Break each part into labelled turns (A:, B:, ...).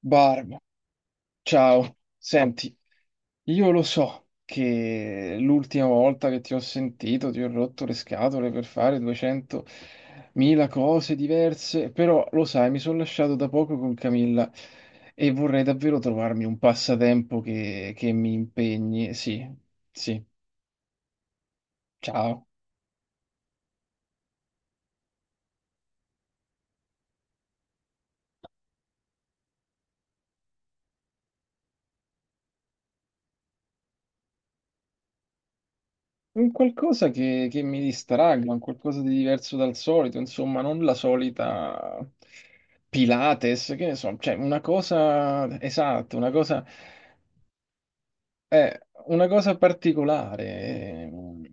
A: Barb, ciao. Senti, io lo so che l'ultima volta che ti ho sentito ti ho rotto le scatole per fare 200.000 cose diverse, però lo sai, mi sono lasciato da poco con Camilla e vorrei davvero trovarmi un passatempo che mi impegni. Sì, sì, ciao. Un qualcosa che mi distragga, un qualcosa di diverso dal solito, insomma, non la solita Pilates, che ne so, cioè una cosa esatta, eh, una cosa particolare.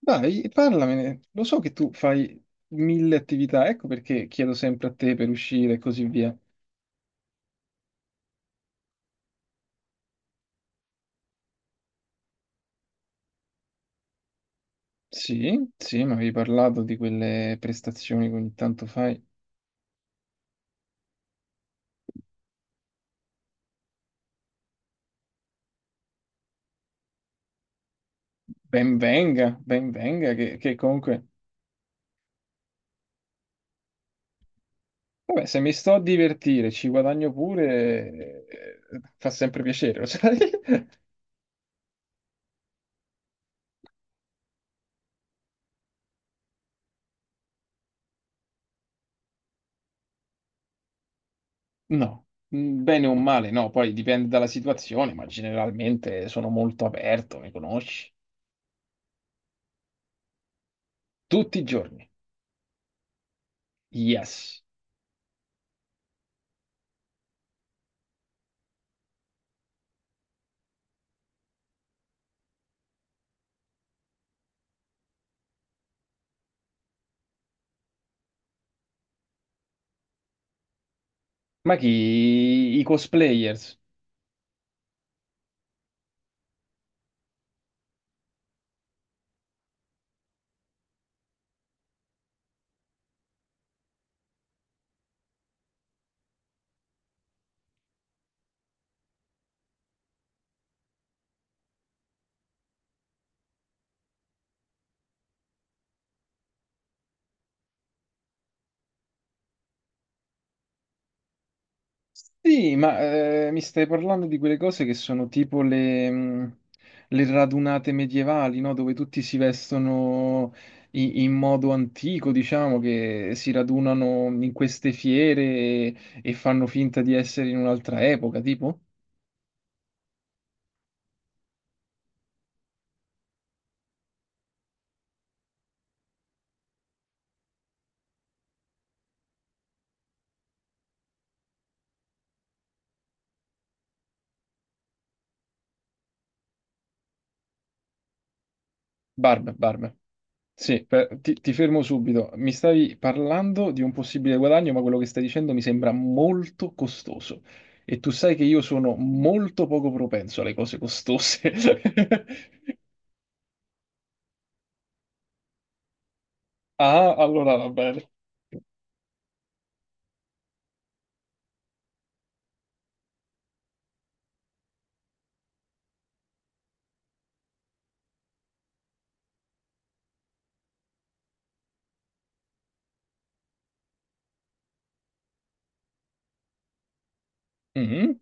A: Dai, parlamene, lo so che tu fai mille attività, ecco perché chiedo sempre a te per uscire e così via. Sì, sì, ma avevi parlato di quelle prestazioni che ogni tanto fai. Ben venga, che comunque... Vabbè, se mi sto a divertire, ci guadagno pure, fa sempre piacere, lo sai? No, bene o male, no, poi dipende dalla situazione, ma generalmente sono molto aperto, mi conosci? Tutti i giorni, yes. Ma chi? I cosplayers. Sì, ma mi stai parlando di quelle cose che sono tipo le radunate medievali, no? Dove tutti si vestono in modo antico, diciamo, che si radunano in queste fiere e fanno finta di essere in un'altra epoca, tipo? Barbe, barbe. Sì, ti fermo subito. Mi stavi parlando di un possibile guadagno, ma quello che stai dicendo mi sembra molto costoso. E tu sai che io sono molto poco propenso alle cose costose. Ah, allora va bene. Mhm.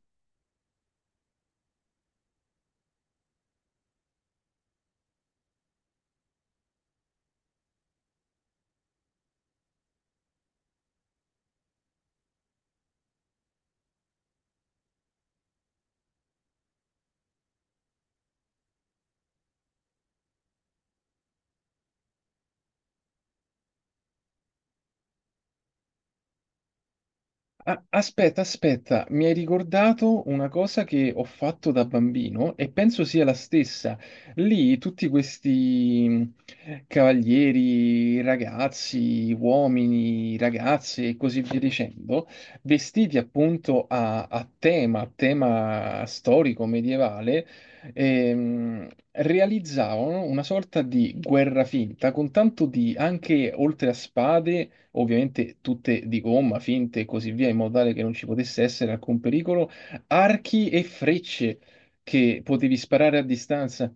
A: Ah, aspetta, aspetta, mi hai ricordato una cosa che ho fatto da bambino e penso sia la stessa. Lì tutti questi cavalieri, ragazzi, uomini, ragazze e così via dicendo, vestiti appunto a tema, a tema storico medievale, realizzavano una sorta di guerra finta con tanto di, anche oltre a spade, ovviamente tutte di gomma, finte e così via, in modo tale che non ci potesse essere alcun pericolo, archi e frecce che potevi sparare a distanza.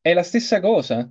A: È la stessa cosa?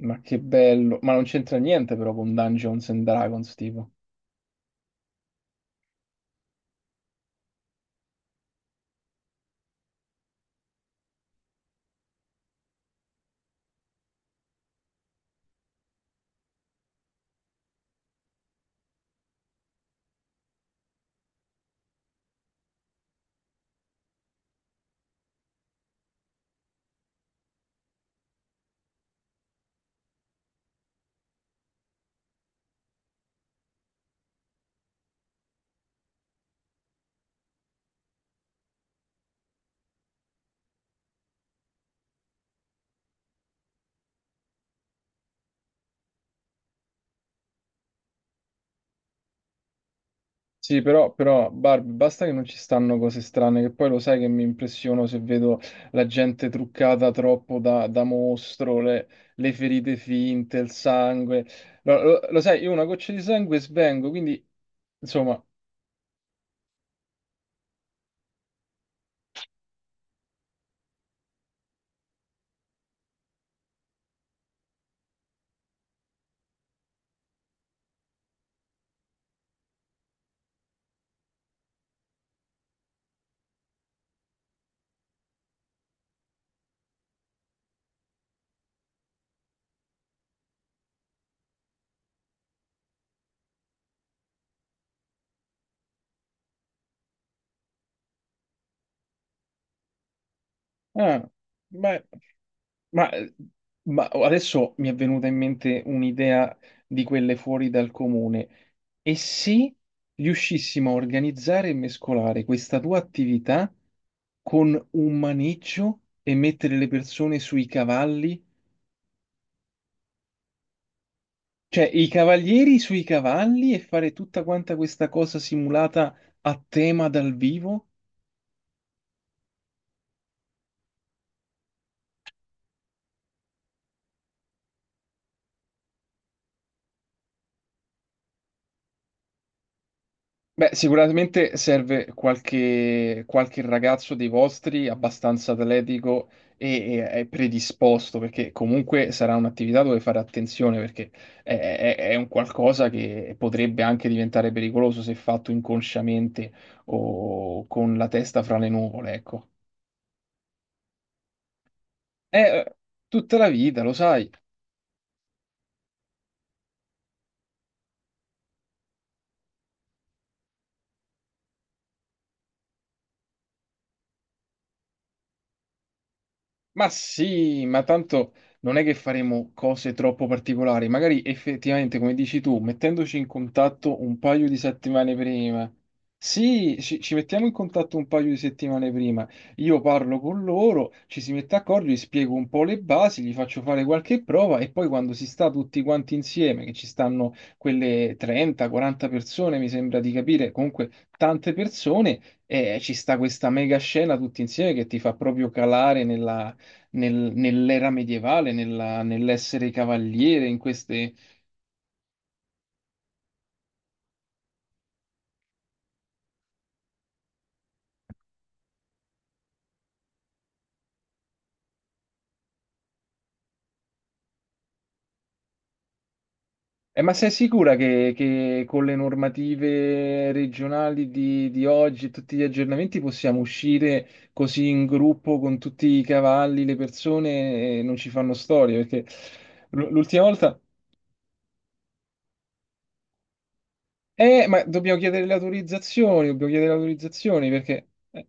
A: Ma che bello, ma non c'entra niente però con Dungeons and Dragons, tipo. Sì, però, Barb, basta che non ci stanno cose strane, che poi lo sai che mi impressiono se vedo la gente truccata troppo da mostro, le ferite finte, il sangue. Lo sai, io una goccia di sangue svengo, quindi, insomma, ah, beh, ma, ma adesso mi è venuta in mente un'idea di quelle fuori dal comune. E se riuscissimo a organizzare e mescolare questa tua attività con un maneggio e mettere le persone sui cavalli, cioè i cavalieri sui cavalli e fare tutta quanta questa cosa simulata a tema dal vivo? Beh, sicuramente serve qualche ragazzo dei vostri abbastanza atletico e predisposto, perché comunque sarà un'attività dove fare attenzione, perché è un qualcosa che potrebbe anche diventare pericoloso se fatto inconsciamente o con la testa fra le nuvole, ecco. È tutta la vita, lo sai. Ma sì, ma tanto non è che faremo cose troppo particolari, magari effettivamente, come dici tu, mettendoci in contatto un paio di settimane prima. Sì, ci mettiamo in contatto un paio di settimane prima. Io parlo con loro, ci si mette d'accordo, gli spiego un po' le basi, gli faccio fare qualche prova e poi quando si sta tutti quanti insieme, che ci stanno quelle 30-40 persone, mi sembra di capire, comunque tante persone, ci sta questa mega scena tutti insieme che ti fa proprio calare nella nell'era medievale, nell'essere cavaliere, in queste... ma sei sicura che con le normative regionali di oggi e tutti gli aggiornamenti possiamo uscire così in gruppo con tutti i cavalli, le persone, e non ci fanno storie? Perché l'ultima volta... ma dobbiamo chiedere le autorizzazioni, dobbiamo chiedere le autorizzazioni perché...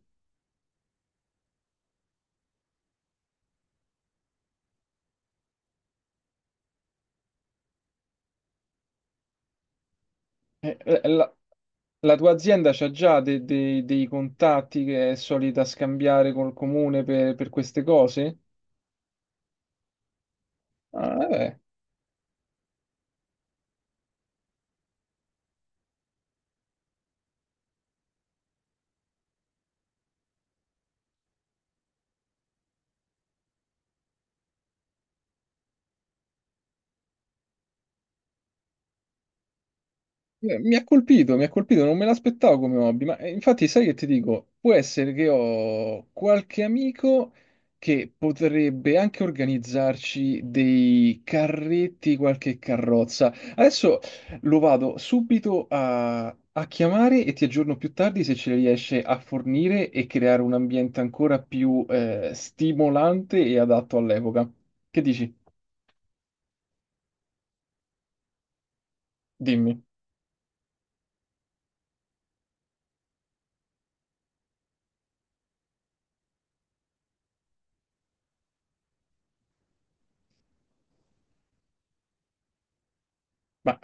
A: eh, la- La tua azienda c'ha già dei contatti che è solita scambiare col comune per queste cose? Ah, vabbè. Mi ha colpito, mi ha colpito, non me l'aspettavo come hobby, ma infatti sai che ti dico, può essere che ho qualche amico che potrebbe anche organizzarci dei carretti, qualche carrozza. Adesso lo vado subito a chiamare e ti aggiorno più tardi se ce le riesce a fornire e creare un ambiente ancora più stimolante e adatto all'epoca. Che dici? Dimmi. Ma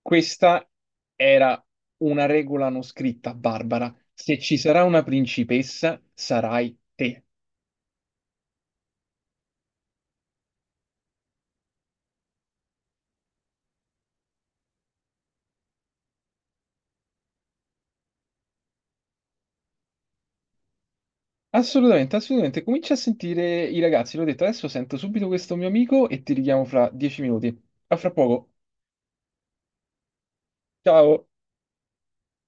A: Questa era una regola non scritta, Barbara. Se ci sarà una principessa, sarai te. Assolutamente, assolutamente. Comincia a sentire i ragazzi. L'ho detto, adesso sento subito questo mio amico e ti richiamo fra 10 minuti. A fra poco. Ciao.